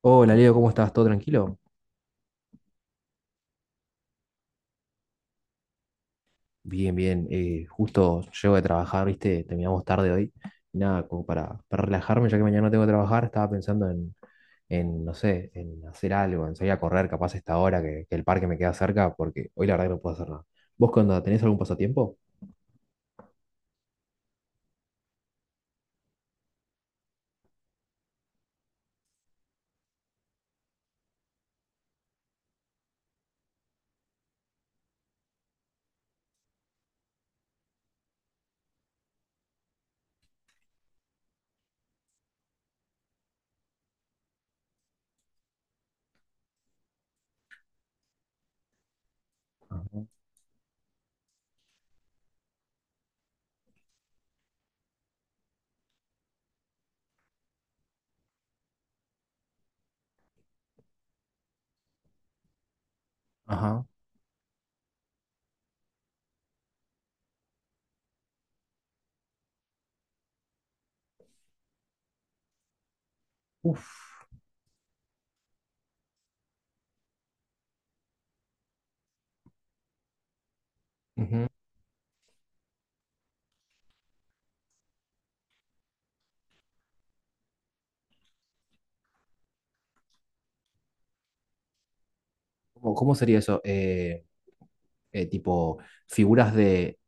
Hola Leo, ¿cómo estás? ¿Todo tranquilo? Bien, bien. Justo llego de trabajar, ¿viste? Terminamos tarde hoy. Y nada, como para relajarme, ya que mañana no tengo que trabajar, estaba pensando no sé, en hacer algo, en salir a correr, capaz a esta hora que el parque me queda cerca, porque hoy la verdad que no puedo hacer nada. ¿Vos cuando tenés algún pasatiempo? Ajá. Ajá. Uf. Ujú. Cómo sería eso? Eh, tipo, Figuras de...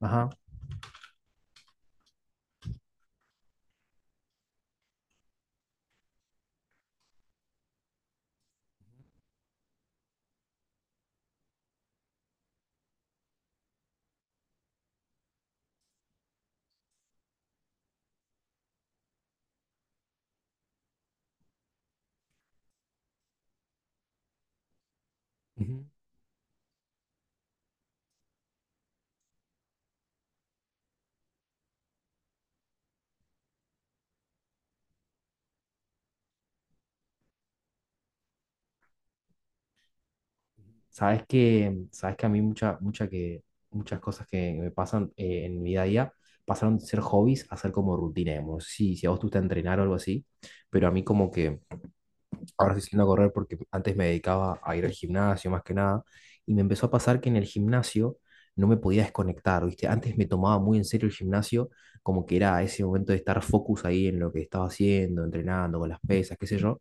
Ajá. Ujú. Sabes que a mí mucha, mucha que, muchas cosas que me pasan en mi día a día pasaron de ser hobbies a ser como rutina, digamos. Sí, si a vos te gusta entrenar o algo así, pero a mí como que ahora estoy saliendo a correr porque antes me dedicaba a ir al gimnasio más que nada, y me empezó a pasar que en el gimnasio no me podía desconectar, ¿viste? Antes me tomaba muy en serio el gimnasio, como que era ese momento de estar focus ahí en lo que estaba haciendo, entrenando, con las pesas, qué sé yo,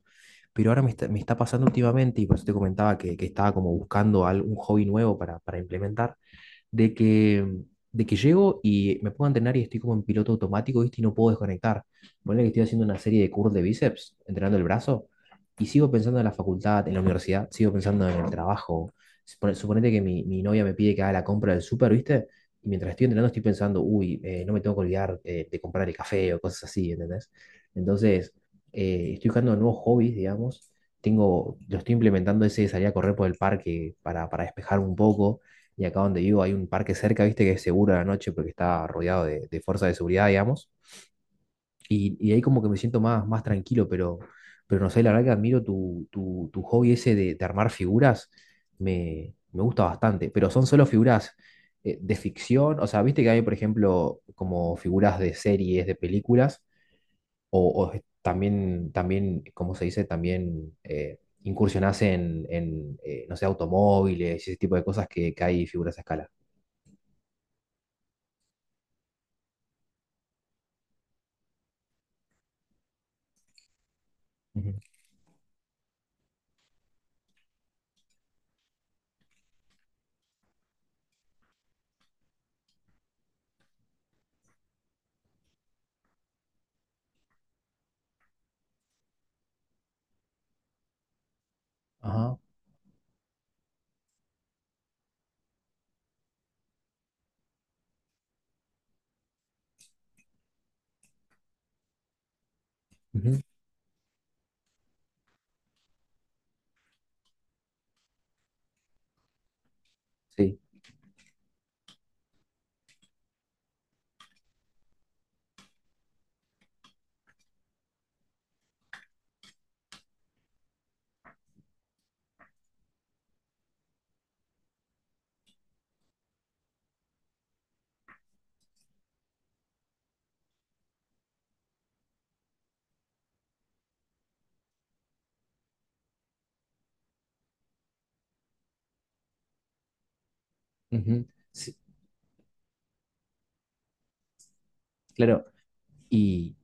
pero ahora me está pasando últimamente, y por eso te comentaba que estaba como buscando algún hobby nuevo para implementar, de que, de que llego y me pongo a entrenar y estoy como en piloto automático, ¿viste? Y no puedo desconectar. Ponele que estoy haciendo una serie de curls de bíceps, entrenando el brazo, y sigo pensando en la facultad, en la universidad, sigo pensando en el trabajo. Suponete que mi novia me pide que haga la compra del súper, ¿viste? Y mientras estoy entrenando estoy pensando, uy, no me tengo que olvidar de comprar el café o cosas así, ¿entendés? Entonces, estoy buscando nuevos hobbies, digamos. Tengo, lo estoy implementando ese de salir a correr por el parque para despejar un poco. Y acá donde vivo hay un parque cerca, viste, que es seguro a la noche porque está rodeado de fuerzas de seguridad, digamos. Y ahí como que me siento más tranquilo, pero no sé, la verdad que admiro tu hobby ese de armar figuras, me gusta bastante, pero son solo figuras de ficción, o sea, viste que hay, por ejemplo, como figuras de series, de películas, o, también, ¿cómo se dice? También incursionás no sé, automóviles y ese tipo de cosas que hay figuras a escala. Ajá, ujú, sí, ujú, sí, claro. Y,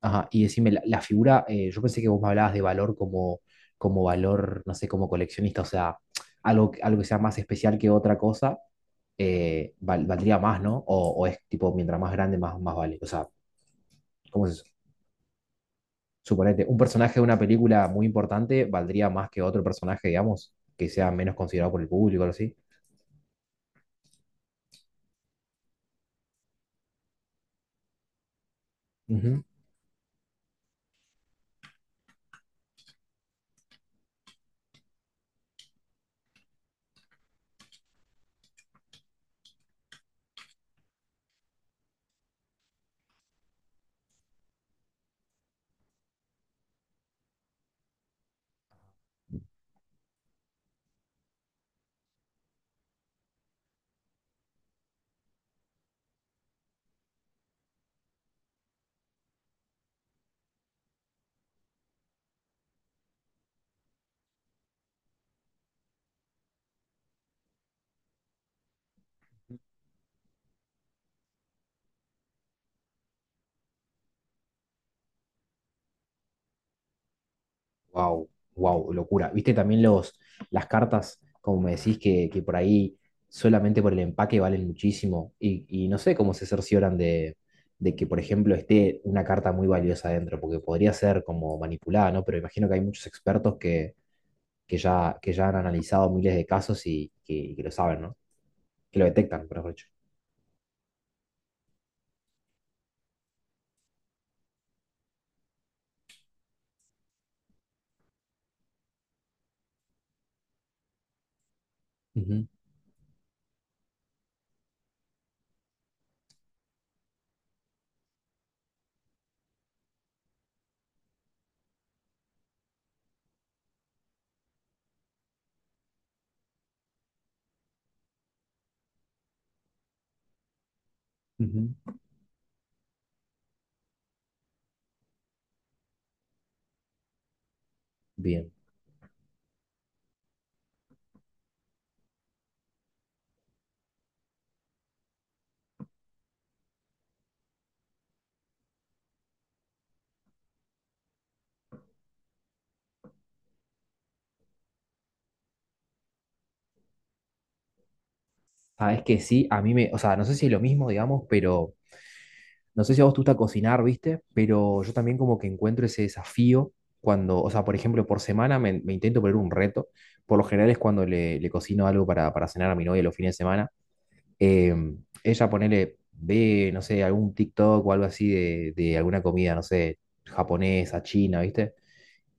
ajá, y decime, la figura, yo pensé que vos me hablabas de valor como, como valor, no sé, como coleccionista, o sea, algo, algo que sea más especial que otra cosa, valdría más, ¿no? O es tipo, mientras más grande, más vale. O sea, ¿cómo es eso? Suponete, un personaje de una película muy importante valdría más que otro personaje, digamos, que sea menos considerado por el público o algo así. Wow, wow, locura. ¿Viste también los, las cartas, como me decís, que por ahí solamente por el empaque valen muchísimo? Y no sé cómo se cercioran de que, por ejemplo, esté una carta muy valiosa adentro, porque podría ser como manipulada, ¿no? Pero imagino que hay muchos expertos que ya han analizado miles de casos y que lo saben, ¿no? Que lo detectan, por dicho. Ujú, ujú. Bien. Sabes que sí, o sea, no sé si es lo mismo, digamos, pero no sé si a vos te gusta cocinar, ¿viste? Pero yo también como que encuentro ese desafío cuando, o sea, por ejemplo, por semana me intento poner un reto. Por lo general es cuando le cocino algo para cenar a mi novia los fines de semana. Em, ella ponele, ve, no sé, algún TikTok o algo así de alguna comida, no sé, japonesa, china, ¿viste?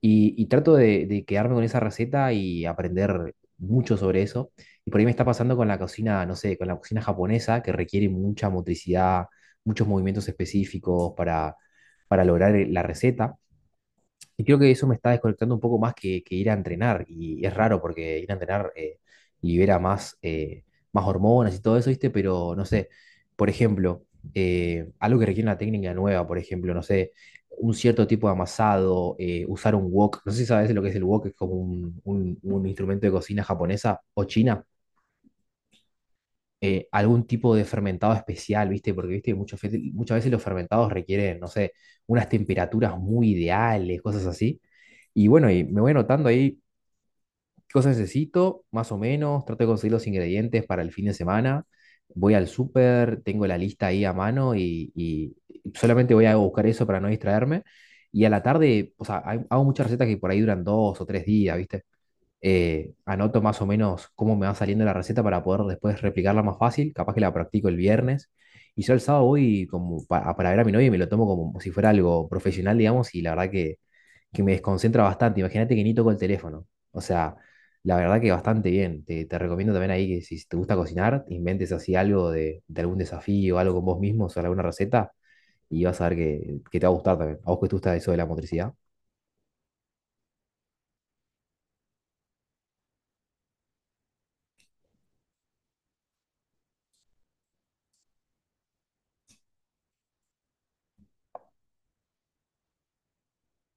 Y trato de quedarme con esa receta y aprender mucho sobre eso. Y por ahí me está pasando con la cocina, no sé, con la cocina japonesa, que requiere mucha motricidad, muchos movimientos específicos para lograr la receta. Y creo que eso me está desconectando un poco más que ir a entrenar. Y es raro porque ir a entrenar libera más hormonas y todo eso, ¿viste? Pero no sé, por ejemplo, algo que requiere una técnica nueva, por ejemplo, no sé, un cierto tipo de amasado, usar un wok. No sé si sabes lo que es el wok, es como un instrumento de cocina japonesa o china, algún tipo de fermentado especial, ¿viste? Porque, ¿viste? Muchas veces los fermentados requieren, no sé, unas temperaturas muy ideales, cosas así. Y bueno, y me voy anotando ahí qué cosas necesito, más o menos, trato de conseguir los ingredientes para el fin de semana, voy al súper, tengo la lista ahí a mano y solamente voy a buscar eso para no distraerme. Y a la tarde, o sea, hago muchas recetas que por ahí duran dos o tres días, ¿viste? Anoto más o menos cómo me va saliendo la receta para poder después replicarla más fácil, capaz que la practico el viernes, y yo el sábado voy como ver a mi novia y me lo tomo como si fuera algo profesional, digamos, y la verdad que me desconcentra bastante, imagínate que ni toco el teléfono, o sea, la verdad que bastante bien, te recomiendo también ahí que si te gusta cocinar, inventes así algo de algún desafío, algo con vos mismo, o sea, alguna receta, y vas a ver que te va a gustar también, a vos que te gusta eso de la motricidad.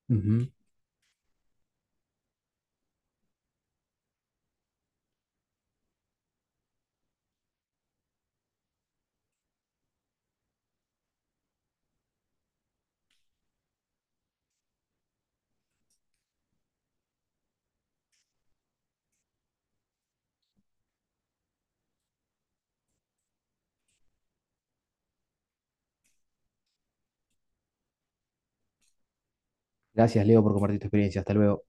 Ujú. Gracias, Leo, por compartir tu experiencia, hasta luego.